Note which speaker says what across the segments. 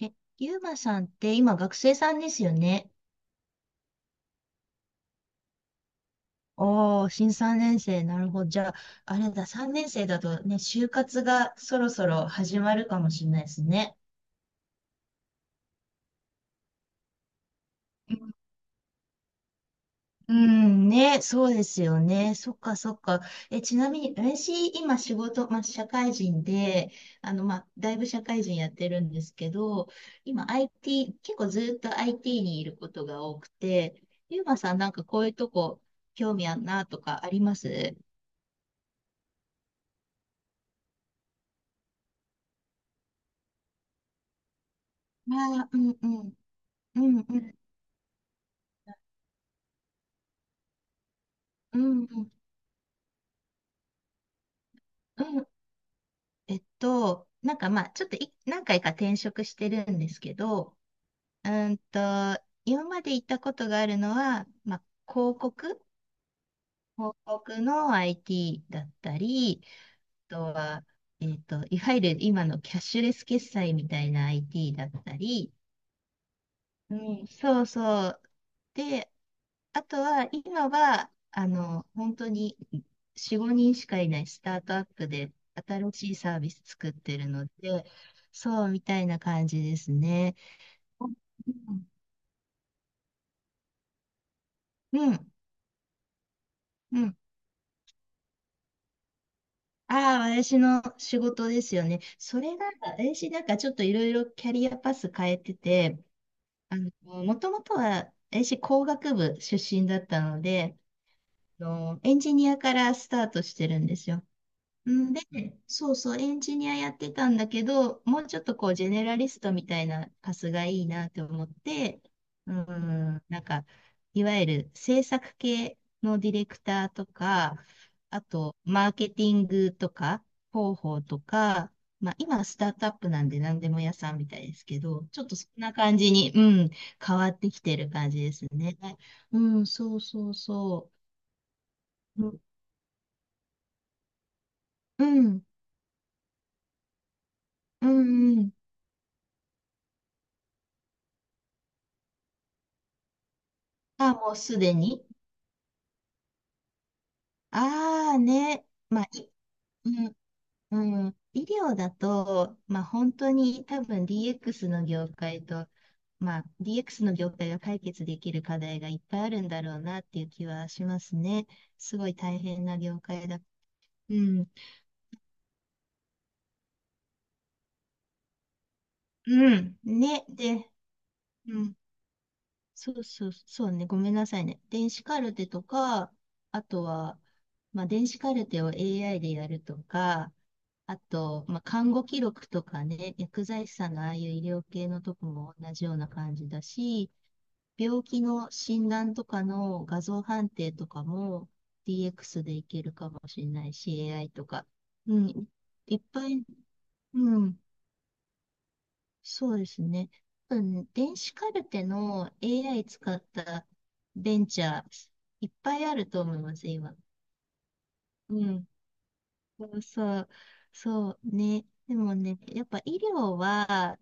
Speaker 1: え、ゆうまさんって今学生さんですよね。おー、新3年生。なるほど。じゃあ、あれだ、3年生だとね、就活がそろそろ始まるかもしれないですね。うん、うんね、そうですよね。そっかそっか。ちなみに、私、今仕事、まあ、社会人で、まあ、だいぶ社会人やってるんですけど、今 IT、結構ずっと IT にいることが多くて、ゆうまさんなんかこういうとこ興味あんなとかあります？ああ、うんうん、うんうん、うんうん、うん。なんかまあ、ちょっと何回か転職してるんですけど、今まで行ったことがあるのは、まあ、広告、広告の IT だったり、あとは、いわゆる今のキャッシュレス決済みたいな IT だったり、うん、そうそう。で、あとは、今は、本当に4、5人しかいないスタートアップで新しいサービス作ってるので、そうみたいな感じですね。うん、うん。うん。ああ、私の仕事ですよね。それが、私なんかちょっといろいろキャリアパス変えてて、あの、もともとは私工学部出身だったので、エンジニアからスタートしてるんですよ。んで、そうそう、エンジニアやってたんだけど、もうちょっとこう、ジェネラリストみたいなパスがいいなと思って、うん、なんか、いわゆる制作系のディレクターとか、あと、マーケティングとか、広報とか、まあ、今、スタートアップなんで何でも屋さんみたいですけど、ちょっとそんな感じに、うん、変わってきてる感じですね。うん、そうそうそう。うん、うん、うん。うん。あ、もうすでに。ああね、まあ、うん、うん、医療だと、まあ本当に多分 DX の業界と、まあ DX の業界が解決できる課題がいっぱいあるんだろうなっていう気はしますね。すごい大変な業界だ。うん、うん、ね、で、うん、そうそう、そうね。ごめんなさいね。電子カルテとか、あとは、まあ、電子カルテを AI でやるとか、あと、まあ、看護記録とかね、薬剤師さんのああいう医療系のとこも同じような感じだし、病気の診断とかの画像判定とかも DX でいけるかもしれないし、AI とか。うん、いっぱい、うん、そうですね。うん、電子カルテの AI 使ったベンチャー、いっぱいあると思います、今。うん。そうそう。そうね。でもね、やっぱ医療は、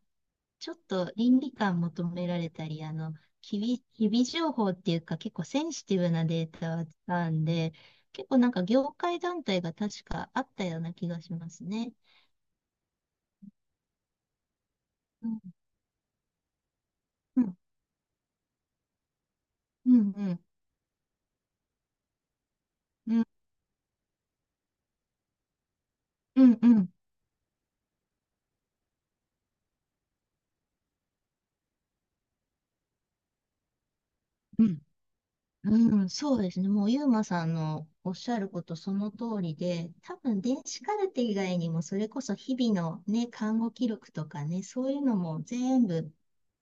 Speaker 1: ちょっと倫理観求められたり、機微情報っていうか、結構センシティブなデータを扱うんで、結構なんか業界団体が確かあったような気がしますね。うん、うん、うん、うん、うん、うん。うん、うん、うん、そうですね。もう、ゆうまさんのおっしゃることその通りで、多分、電子カルテ以外にも、それこそ日々のね、看護記録とかね、そういうのも全部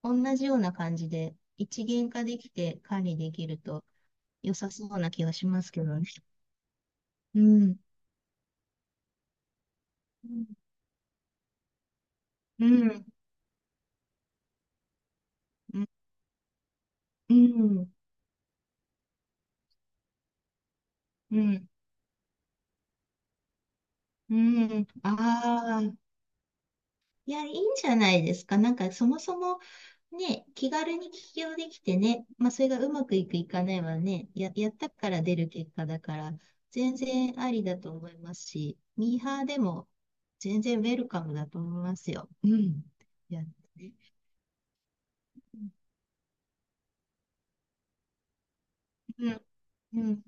Speaker 1: 同じような感じで、一元化できて管理できると良さそうな気がしますけどね。うん。うん。うん。うん。うん。うん。ああ。いや、いいんじゃないですか。なんか、そもそもね、気軽に起業できてね、まあ、それがうまくいくいかないはね、やったから出る結果だから、全然ありだと思いますし、ミーハーでも全然ウェルカムだと思いますよ。うん。やってね。うん。うん。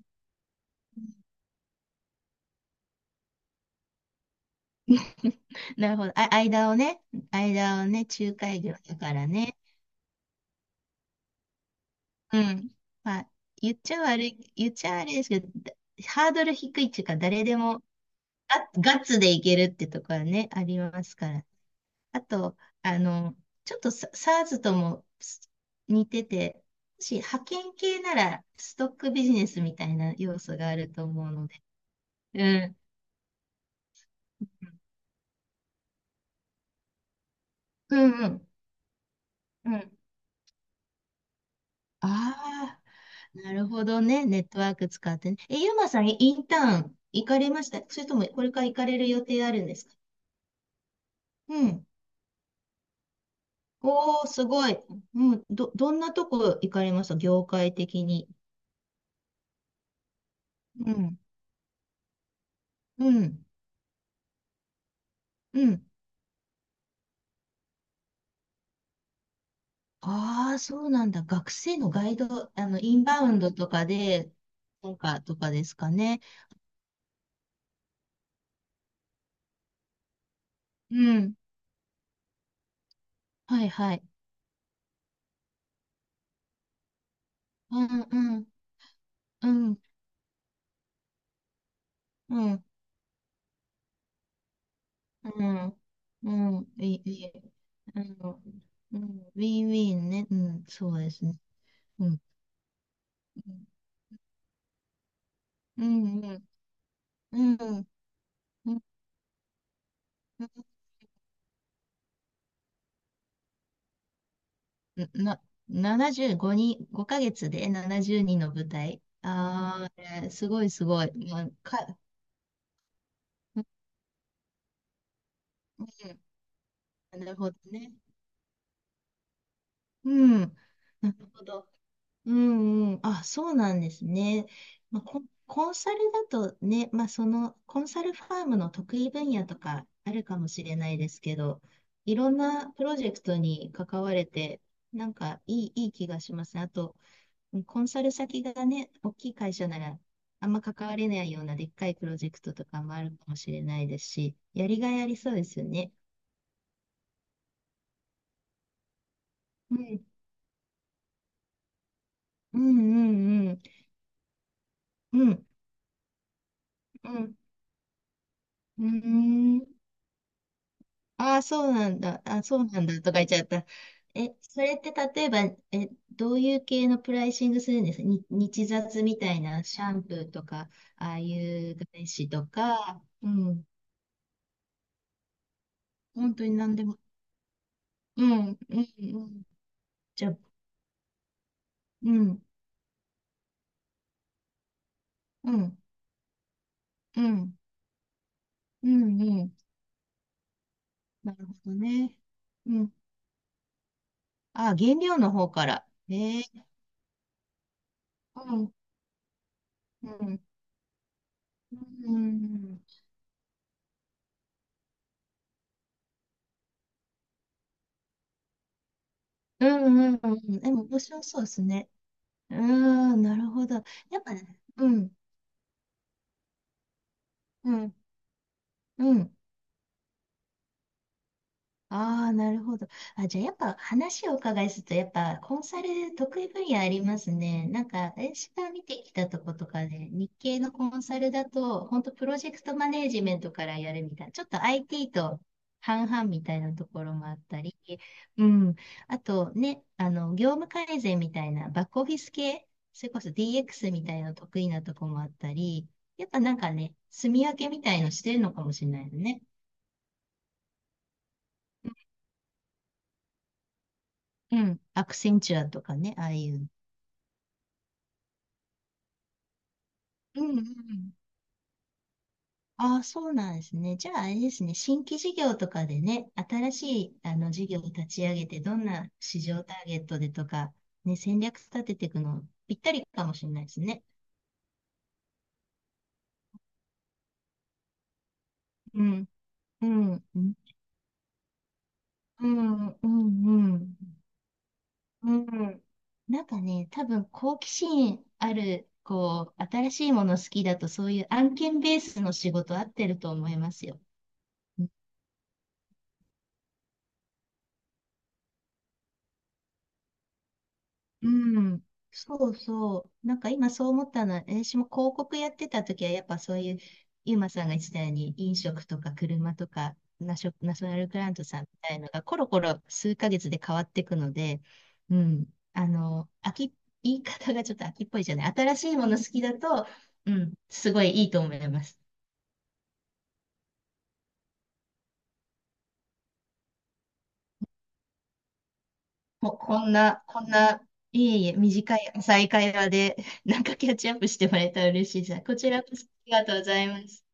Speaker 1: なるほど。あ、間をね、間をね、仲介業だからね。うん。まあ、言っちゃ悪いですけど、ハードル低いっていうか、誰でもガッツでいけるってところはね、ありますからね。あと、あの、ちょっとSARS とも似てて、もし派遣系ならストックビジネスみたいな要素があると思うので。うん。うんうん。うん。ああ、なるほどね。ネットワーク使ってね。ゆうまさん、インターン行かれました？それともこれから行かれる予定あるんですか？うん。おー、すごい。うん。どんなとこ行かれました？業界的に。うん。うん。うん。ああ、そうなんだ。学生のガイド、インバウンドとかで、とか、とかですかね。うん。はいはい。うん、うん、うん、うん、うん、うん、いい、いい。うん、うん、ウィンウィンね。うん、そうですね。うん、うん、うん、うん、うん、うん、うんな、75人、5ヶ月で70人の舞台。ああ、すごいすごい。まあか、うん、うん、なるほどね。うん。なるほど。うんうん。あ、そうなんですね。まあ、コンサルだとね、まあ、その、コンサルファームの得意分野とかあるかもしれないですけど、いろんなプロジェクトに関われて、なんかいい気がしますね。あと、コンサル先がね、大きい会社なら、あんま関われないようなでっかいプロジェクトとかもあるかもしれないですし、やりがいありそうですよね。うん、うん、うん、うん、うん、うん、うーん。ああ、そうなんだ。あ、そうなんだとか言っちゃった。それって例えば、どういう系のプライシングするんですか？に、日雑みたいなシャンプーとか、ああいう外資とか、うん。本当に何でも。うん、うん、うん。じゃあ、うん、うん、うん、うん、うん。なるほどね。うん。ああ、原料の方から。ええ、うん、うん、うん、うん、うん、うん。でも面白そうですね。うーん、なるほど。やっぱ、うん、うん、うん。ああ、なるほど。あ、じゃあやっぱ話をお伺いすると、やっぱコンサル得意分野ありますね。なんか、私が見てきたとことかで、日系のコンサルだと、本当プロジェクトマネージメントからやるみたいな、ちょっと IT と半々みたいなところもあったり、うん。あとね、業務改善みたいな、バックオフィス系、それこそ DX みたいな得意なとこもあったり、やっぱなんかね、住み分けみたいのしてるのかもしれないよね。うん。アクセンチュアとかね、ああいう。うんうん。ああ、そうなんですね。じゃあ、あれですね。新規事業とかでね、新しいあの事業を立ち上げて、どんな市場ターゲットでとか、ね、戦略立てていくの、ぴったりかもしれないですね。うん、うん、うん、うん、うん、うん。うん、なんかね、多分好奇心ある、こう、新しいもの好きだと、そういう案件ベースの仕事合ってると思いますよ。うん、そうそう。なんか今そう思ったのは、私も広告やってた時は、やっぱそういう、ゆうまさんが言ってたように、飲食とか車とか、ナショナルグラントさんみたいのが、コロコロ数ヶ月で変わっていくので、うん、あの、飽き、言い方がちょっと飽きっぽいじゃない。新しいもの好きだと、うん、すごいいいと思います。こ、こんな、こんな、いえいえ、短い再会話で、なんかキャッチアップしてもらえたら嬉しいです。こちらこそありがとうございます。